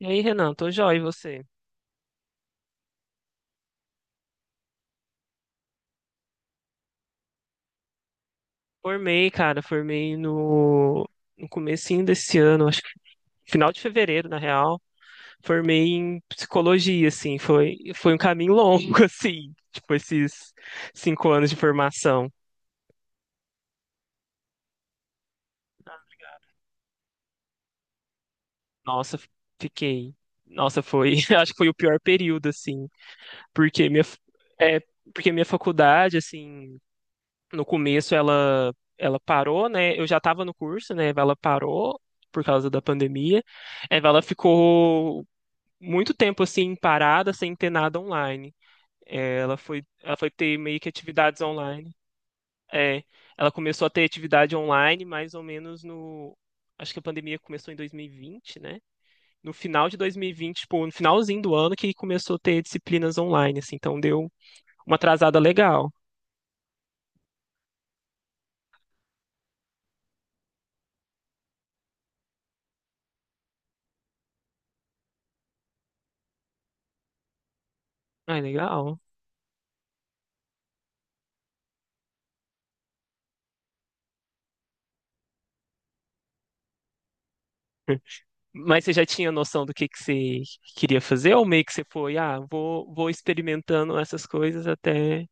E aí, Renan, tô joia, e você? Formei, cara, formei no, no comecinho desse ano, acho que final de fevereiro, na real. Formei em psicologia, assim, foi um caminho longo, assim, tipo, esses 5 anos de formação. Nossa, fiquei. Nossa, foi, acho que foi o pior período, assim, porque minha, f- é, porque minha faculdade, assim. No começo ela parou, né? Eu já estava no curso, né? Ela parou por causa da pandemia. Ela ficou muito tempo assim parada, sem ter nada online. Ela foi ter meio que atividades online. É, ela começou a ter atividade online mais ou menos no... Acho que a pandemia começou em 2020, né? No final de 2020, tipo, no finalzinho do ano que começou a ter disciplinas online, assim, então deu uma atrasada legal. Ai, legal. Mas você já tinha noção do que você queria fazer ou meio que você foi, ah, vou experimentando essas coisas até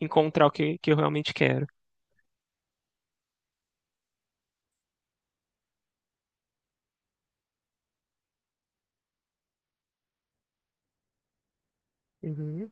encontrar o que, que eu realmente quero? Uhum.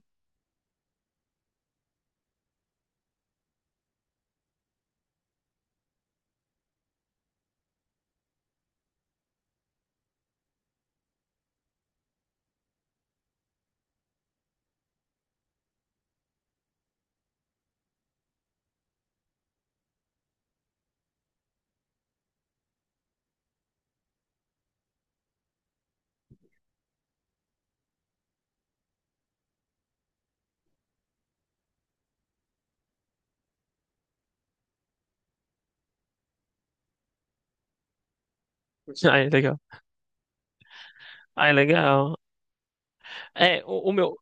Ah, é legal. Ah, é legal. É, o meu,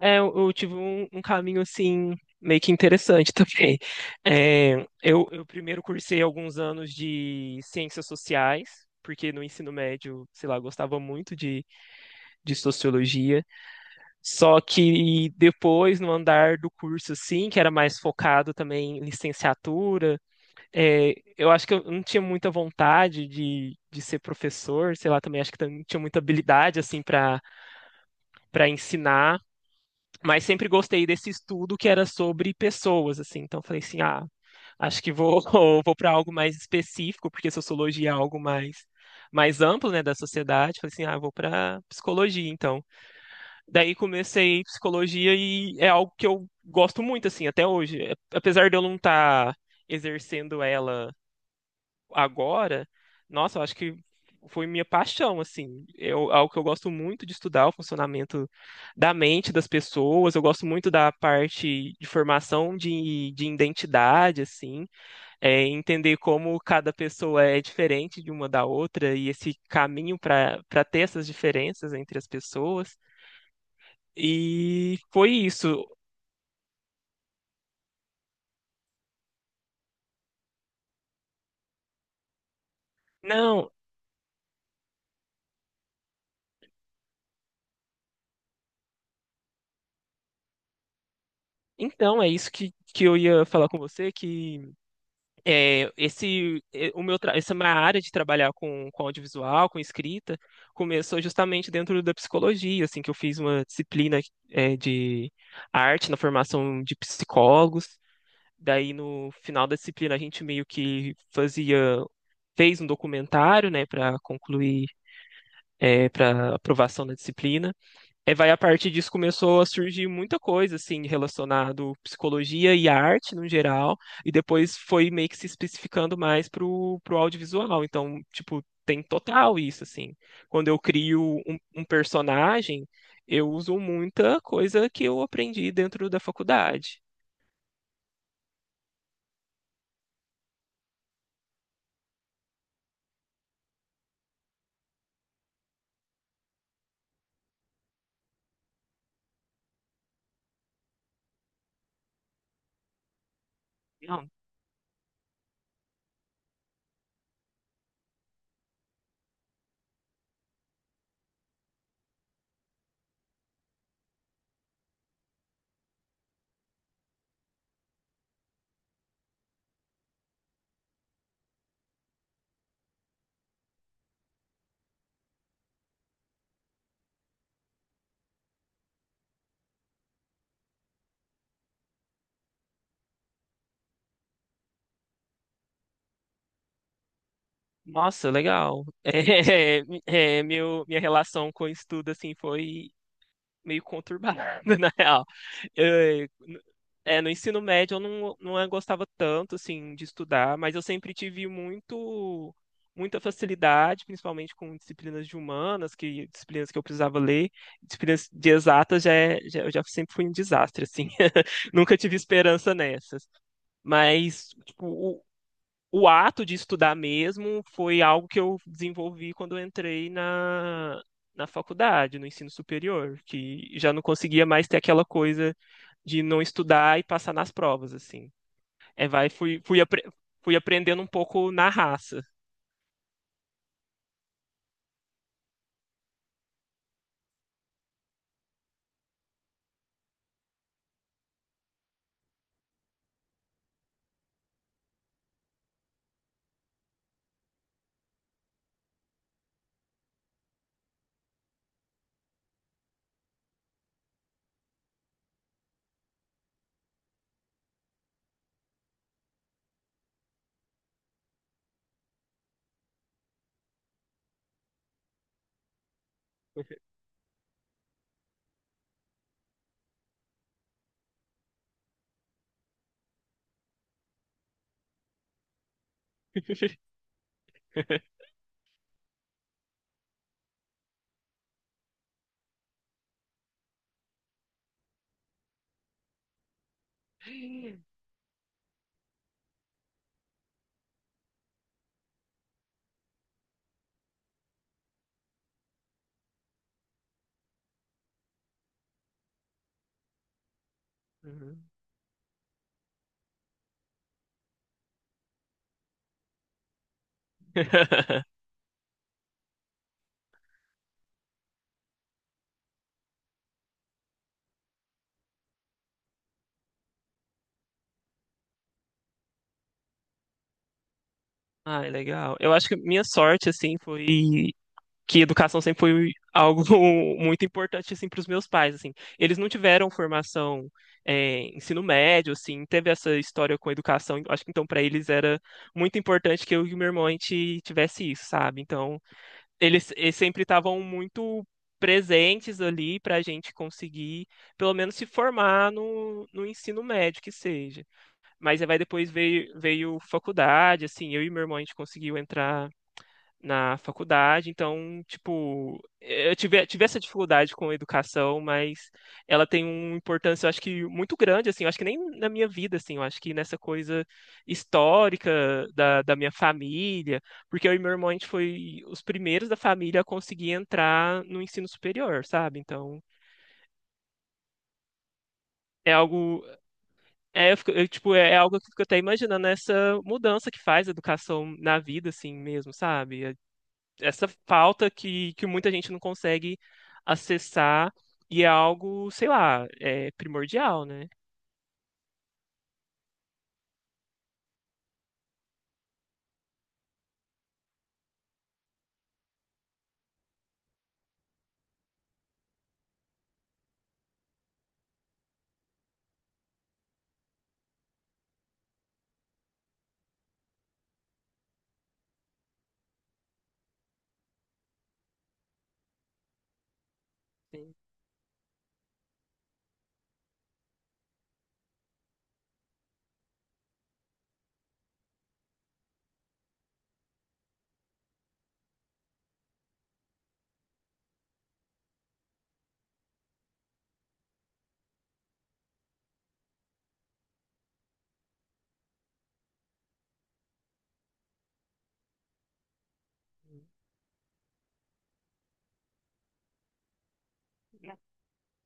é, eu tive um, um caminho assim meio que interessante também. É, eu primeiro cursei alguns anos de ciências sociais, porque no ensino médio, sei lá, eu gostava muito de sociologia. Só que depois, no andar do curso, assim, que era mais focado também em licenciatura, é, eu acho que eu não tinha muita vontade de ser professor, sei lá, também acho que também não tinha muita habilidade, assim, para ensinar, mas sempre gostei desse estudo que era sobre pessoas, assim, então eu falei assim, ah, acho que vou, vou para algo mais específico, porque sociologia é algo mais, mais amplo, né, da sociedade, falei assim, ah, vou para psicologia, então. Daí comecei psicologia e é algo que eu gosto muito, assim, até hoje. É- Apesar de eu não estar exercendo ela agora, nossa, eu acho que foi minha paixão, assim. Eu, algo que eu gosto muito de estudar, o funcionamento da mente das pessoas. Eu gosto muito da parte de formação de identidade, assim. É, entender como cada pessoa é diferente de uma da outra e esse caminho para ter essas diferenças entre as pessoas. E foi isso. Não, então é isso que eu ia falar com você, que é, esse é, o meu tra- essa minha área de trabalhar com audiovisual, com escrita, começou justamente dentro da psicologia, assim, que eu fiz uma disciplina é, de arte na formação de psicólogos. Daí no final da disciplina a gente meio que fazia fez um documentário, né, para concluir, para aprovação da disciplina. É, vai, a partir disso começou a surgir muita coisa assim relacionado psicologia e arte no geral, e depois foi meio que se especificando mais pro audiovisual. Então, tipo, tem total isso assim. Quando eu crio um, um personagem, eu uso muita coisa que eu aprendi dentro da faculdade. Não, nossa, legal. É, é, meu, minha relação com o estudo assim foi meio conturbada, na real. Eu- no ensino médio eu não gostava tanto, assim, de estudar, mas eu sempre tive muito, muita facilidade, principalmente com disciplinas de humanas, que disciplinas que eu precisava ler. Disciplinas de exatas já, eu já sempre fui um desastre, assim. Nunca tive esperança nessas. Mas, tipo, o ato de estudar mesmo foi algo que eu desenvolvi quando eu entrei na, na faculdade, no ensino superior, que já não conseguia mais ter aquela coisa de não estudar e passar nas provas, assim. É, vai, fui, fui, apre- fui aprendendo um pouco na raça. Uhum. Ai, legal. Eu acho que minha sorte, assim, foi que educação sempre foi algo muito importante, assim, para os meus pais, assim. Eles não tiveram formação, é, ensino médio, assim, teve essa história com a educação. Eu acho que, então, para eles era muito importante que eu e o meu irmão, a gente tivesse isso, sabe? Então, eles sempre estavam muito presentes ali para a gente conseguir, pelo menos, se formar no ensino médio, que seja. Mas aí vai, depois veio faculdade, assim, eu e meu irmão a gente conseguiu entrar na faculdade, então, tipo, eh, eu tive essa dificuldade com a educação, mas ela tem uma importância, eu acho que muito grande, assim, eu acho que nem na minha vida, assim, eu acho que nessa coisa histórica da minha família, porque eu e meu irmão, a gente foi os primeiros da família a conseguir entrar no ensino superior, sabe? Então, é algo, é, tipo, é algo que eu fico até imaginando essa mudança que faz a educação na vida, assim mesmo, sabe? É- Essa falta que muita gente não consegue acessar e é algo, sei lá, é primordial, né?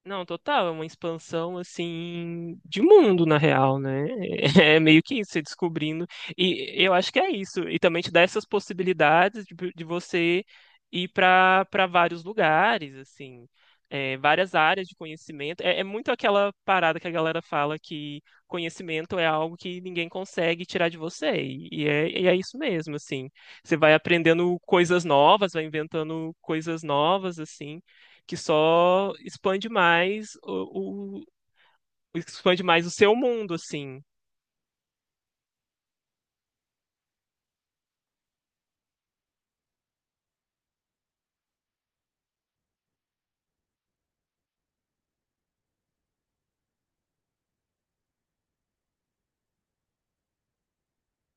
Não, total, é uma expansão assim de mundo na real, né? É meio que isso, você descobrindo. E eu acho que é isso. E também te dá essas possibilidades de você ir para vários lugares, assim, é, várias áreas de conhecimento. É, é muito aquela parada que a galera fala que conhecimento é algo que ninguém consegue tirar de você. E é isso mesmo, assim. Você vai aprendendo coisas novas, vai inventando coisas novas, assim, que só expande mais expande mais o seu mundo, assim.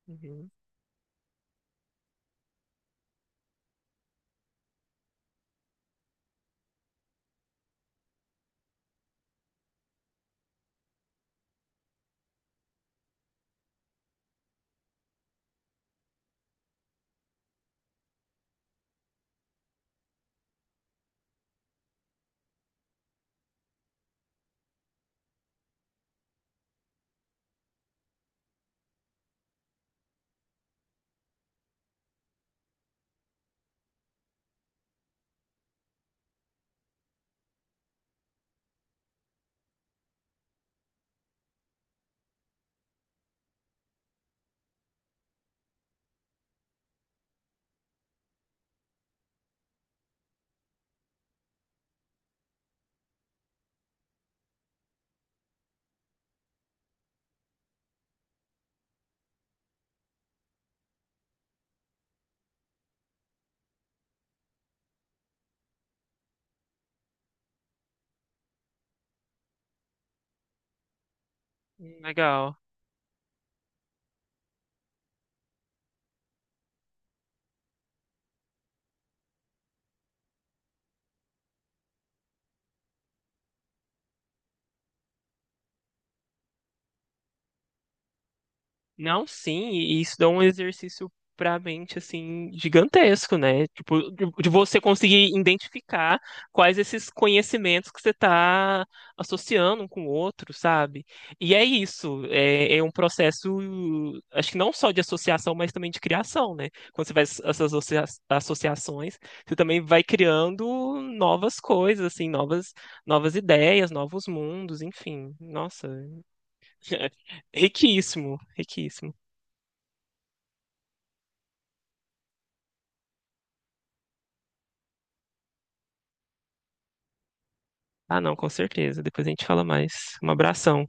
Uhum. Legal. Não, sim, e isso dá um exercício pra mente, assim, gigantesco, né? Tipo, de você conseguir identificar quais esses conhecimentos que você está associando um com o outro, sabe? E é isso, é, é um processo, acho que não só de associação, mas também de criação, né? Quando você faz essas associações, você também vai criando novas coisas, assim, novas, novas ideias, novos mundos, enfim. Nossa, riquíssimo, riquíssimo. Ah, não, com certeza. Depois a gente fala mais. Um abração.